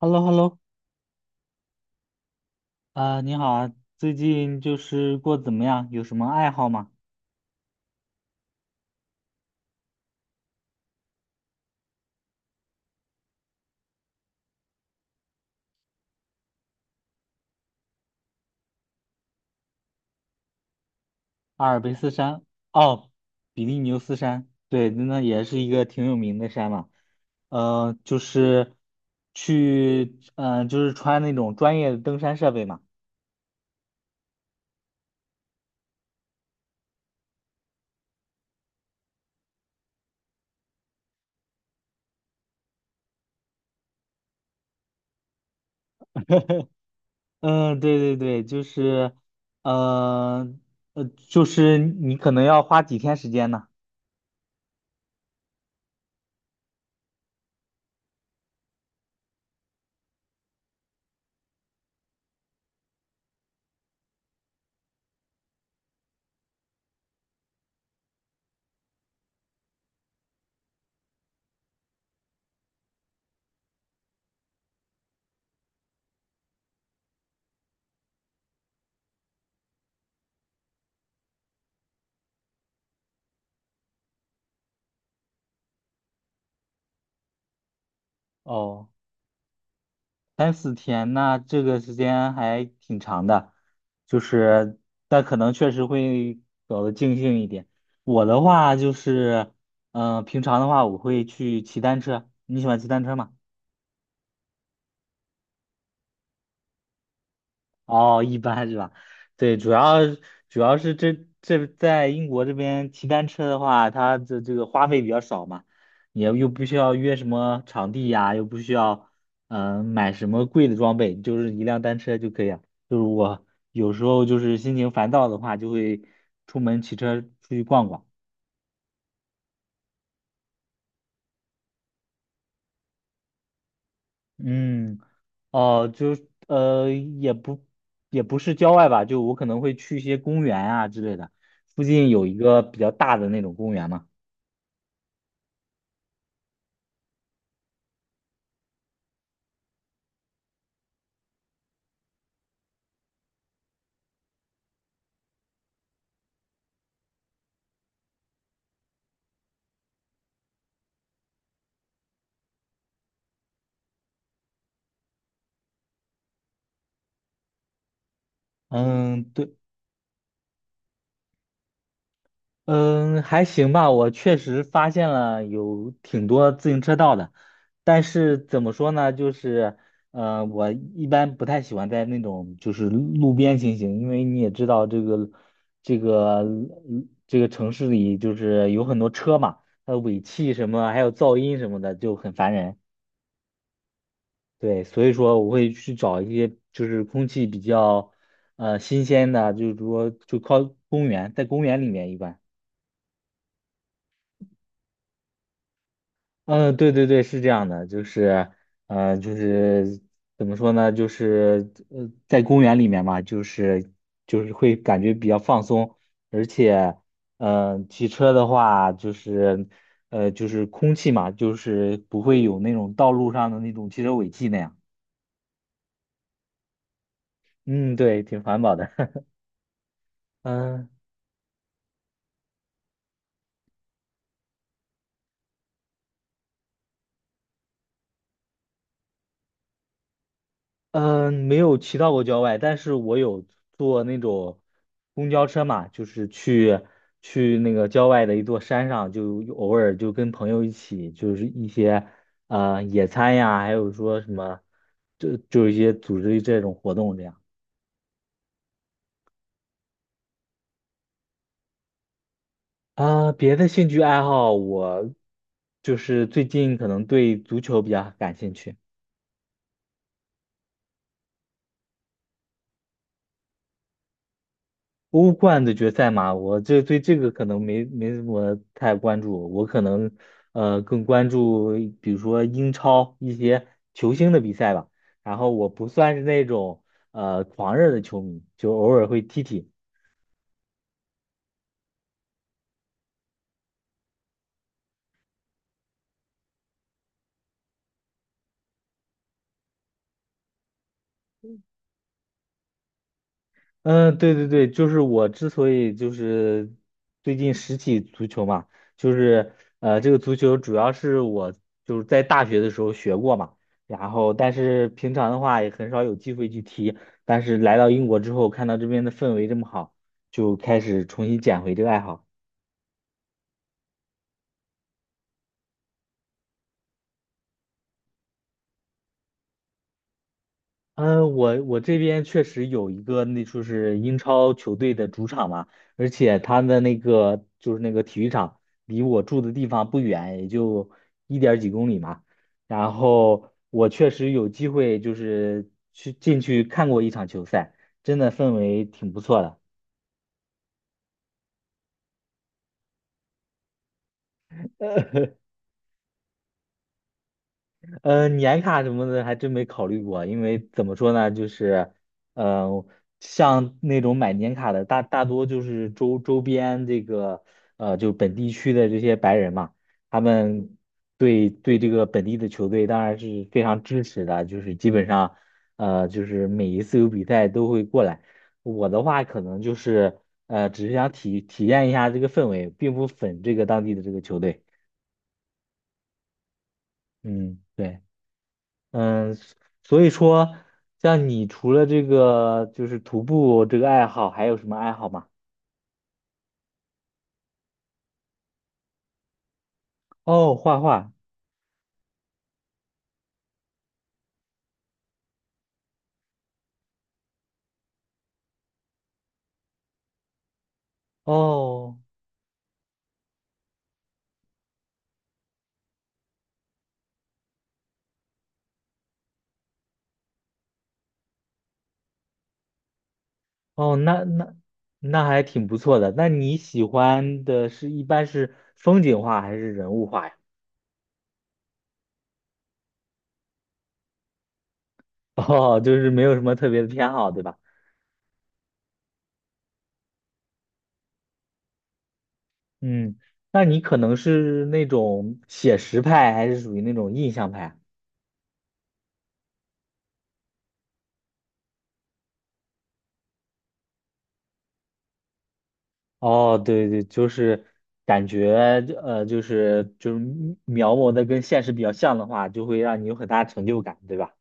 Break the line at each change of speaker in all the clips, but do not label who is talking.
h e l l o h e l l o 你好啊，最近就是过得怎么样？有什么爱好吗？阿尔卑斯山，哦，比利牛斯山，对，那也是一个挺有名的山嘛。呃，就是去，就是穿那种专业的登山设备嘛。嗯，对对对，呃，就是你可能要花几天时间呢。哦。三四天，那这个时间还挺长的，就是，但可能确实会搞得尽兴一点。我的话就是，平常的话我会去骑单车，你喜欢骑单车吗？哦，一般是吧？对，主要是这在英国这边骑单车的话，它这个花费比较少嘛，你又不需要约什么场地呀，又不需要买什么贵的装备，就是一辆单车就可以了。就是我有时候就是心情烦躁的话，就会出门骑车出去逛逛。嗯，也不是郊外吧，就我可能会去一些公园啊之类的。附近有一个比较大的那种公园嘛。嗯，对，嗯，还行吧。我确实发现了有挺多自行车道的，但是怎么说呢，就是，我一般不太喜欢在那种就是路边行因为你也知道这个，这个，这个城市里就是有很多车嘛，它的尾气什么，还有噪音什么的就很烦人。对，所以说我会去找一些就是空气比较，新鲜的，就是说就靠公园，在公园里面一般。嗯，对对对，是这样的，呃，就是怎么说呢，在公园里面嘛，就是就是会感觉比较放松，而且，骑车的话，就是空气嘛，就是不会有那种道路上的那种汽车尾气那样。嗯，对，挺环保的。嗯。嗯，没有骑到过郊外，但是我有坐那种公交车嘛，就是去那个郊外的一座山上，就偶尔就跟朋友一起，就是一些野餐呀，还有说什么，就一些组织这种活动这样。别的兴趣爱好我就是最近可能对足球比较感兴趣。欧冠的决赛嘛，我这对这个可能没怎么太关注，我可能更关注比如说英超一些球星的比赛吧。然后我不算是那种狂热的球迷，就偶尔会踢踢。嗯，对对对，就是我之所以就是最近拾起足球嘛，这个足球主要是我就是在大学的时候学过嘛，然后但是平常的话也很少有机会去踢，但是来到英国之后，看到这边的氛围这么好，就开始重新捡回这个爱好。嗯，我这边确实有一个，那就是英超球队的主场嘛，而且他的那个就是那个体育场离我住的地方不远，也就一点儿几公里嘛。然后我确实有机会就是去进去看过一场球赛，真的氛围挺不错的。年卡什么的还真没考虑过，因为怎么说呢，呃，像那种买年卡的大多就是周边这个，就本地区的这些白人嘛，他们对对这个本地的球队当然是非常支持的，就是基本上，就是每一次有比赛都会过来。我的话可能就是，只是想体验一下这个氛围，并不粉这个当地的这个球队。嗯，对。嗯，所以说，像你除了这个就是徒步这个爱好，还有什么爱好吗？哦，画画。哦哦,那那还挺不错的。那你喜欢的是一般是风景画还是人物画呀？哦，就是没有什么特别的偏好，对吧？嗯，那你可能是那种写实派，还是属于那种印象派啊？哦，对对，就是感觉描摹的跟现实比较像的话，就会让你有很大成就感，对吧？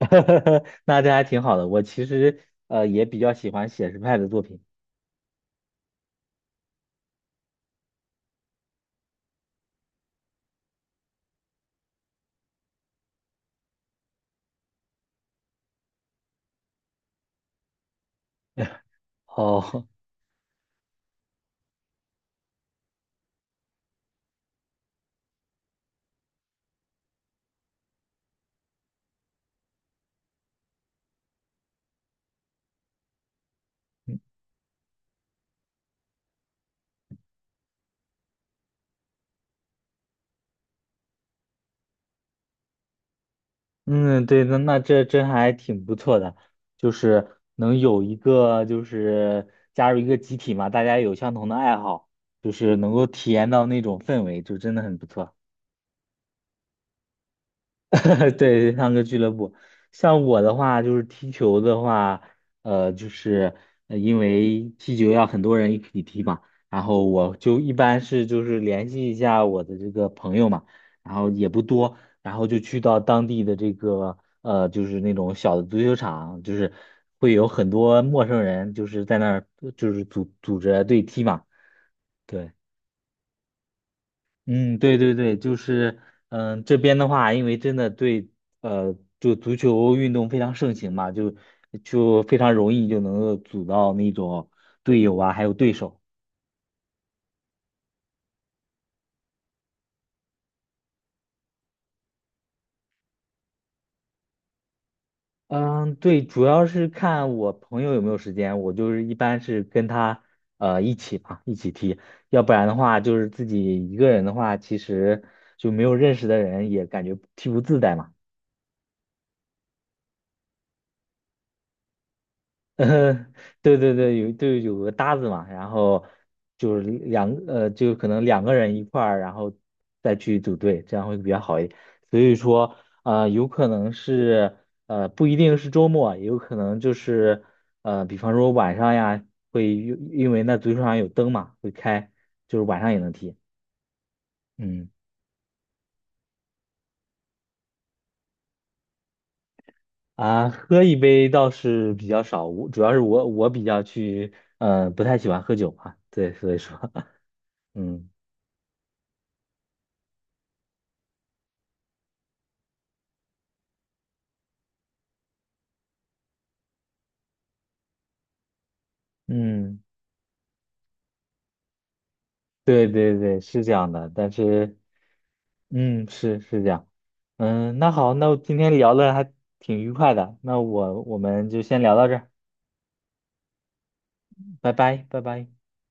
那这还挺好的。我其实也比较喜欢写实派的作品。哦，嗯，对，那这还挺不错的，就是能有一个就是加入一个集体嘛，大家有相同的爱好，就是能够体验到那种氛围，就真的很不错。对，对，上个俱乐部，像我的话就是踢球的话，呃，就是因为踢球要很多人一起踢嘛，然后我就一般是就是联系一下我的这个朋友嘛，然后也不多，然后就去到当地的这个就是那种小的足球场，就是会有很多陌生人，就是在那儿就是组织队踢嘛，对。嗯，对对对，这边的话，因为真的对，就足球运动非常盛行嘛，就就非常容易就能够组到那种队友啊，还有对手。嗯，对，主要是看我朋友有没有时间，我就是一般是跟他一起嘛，一起踢，要不然的话就是自己一个人的话，其实就没有认识的人也感觉踢不自在嘛。嗯，对对对，有对有个搭子嘛，然后就是可能两个人一块儿，然后再去组队，这样会比较好一点。所以说，有可能是不一定是周末，也有可能就是比方说晚上呀，会因为那足球场有灯嘛，会开，就是晚上也能踢。嗯啊，喝一杯倒是比较少，我主要是我比较去不太喜欢喝酒嘛，对，所以说 嗯。嗯，对对对，是这样的，但是，嗯，是是这样，嗯，那好，那我今天聊的还挺愉快的，那我们就先聊到这儿，拜拜，拜拜。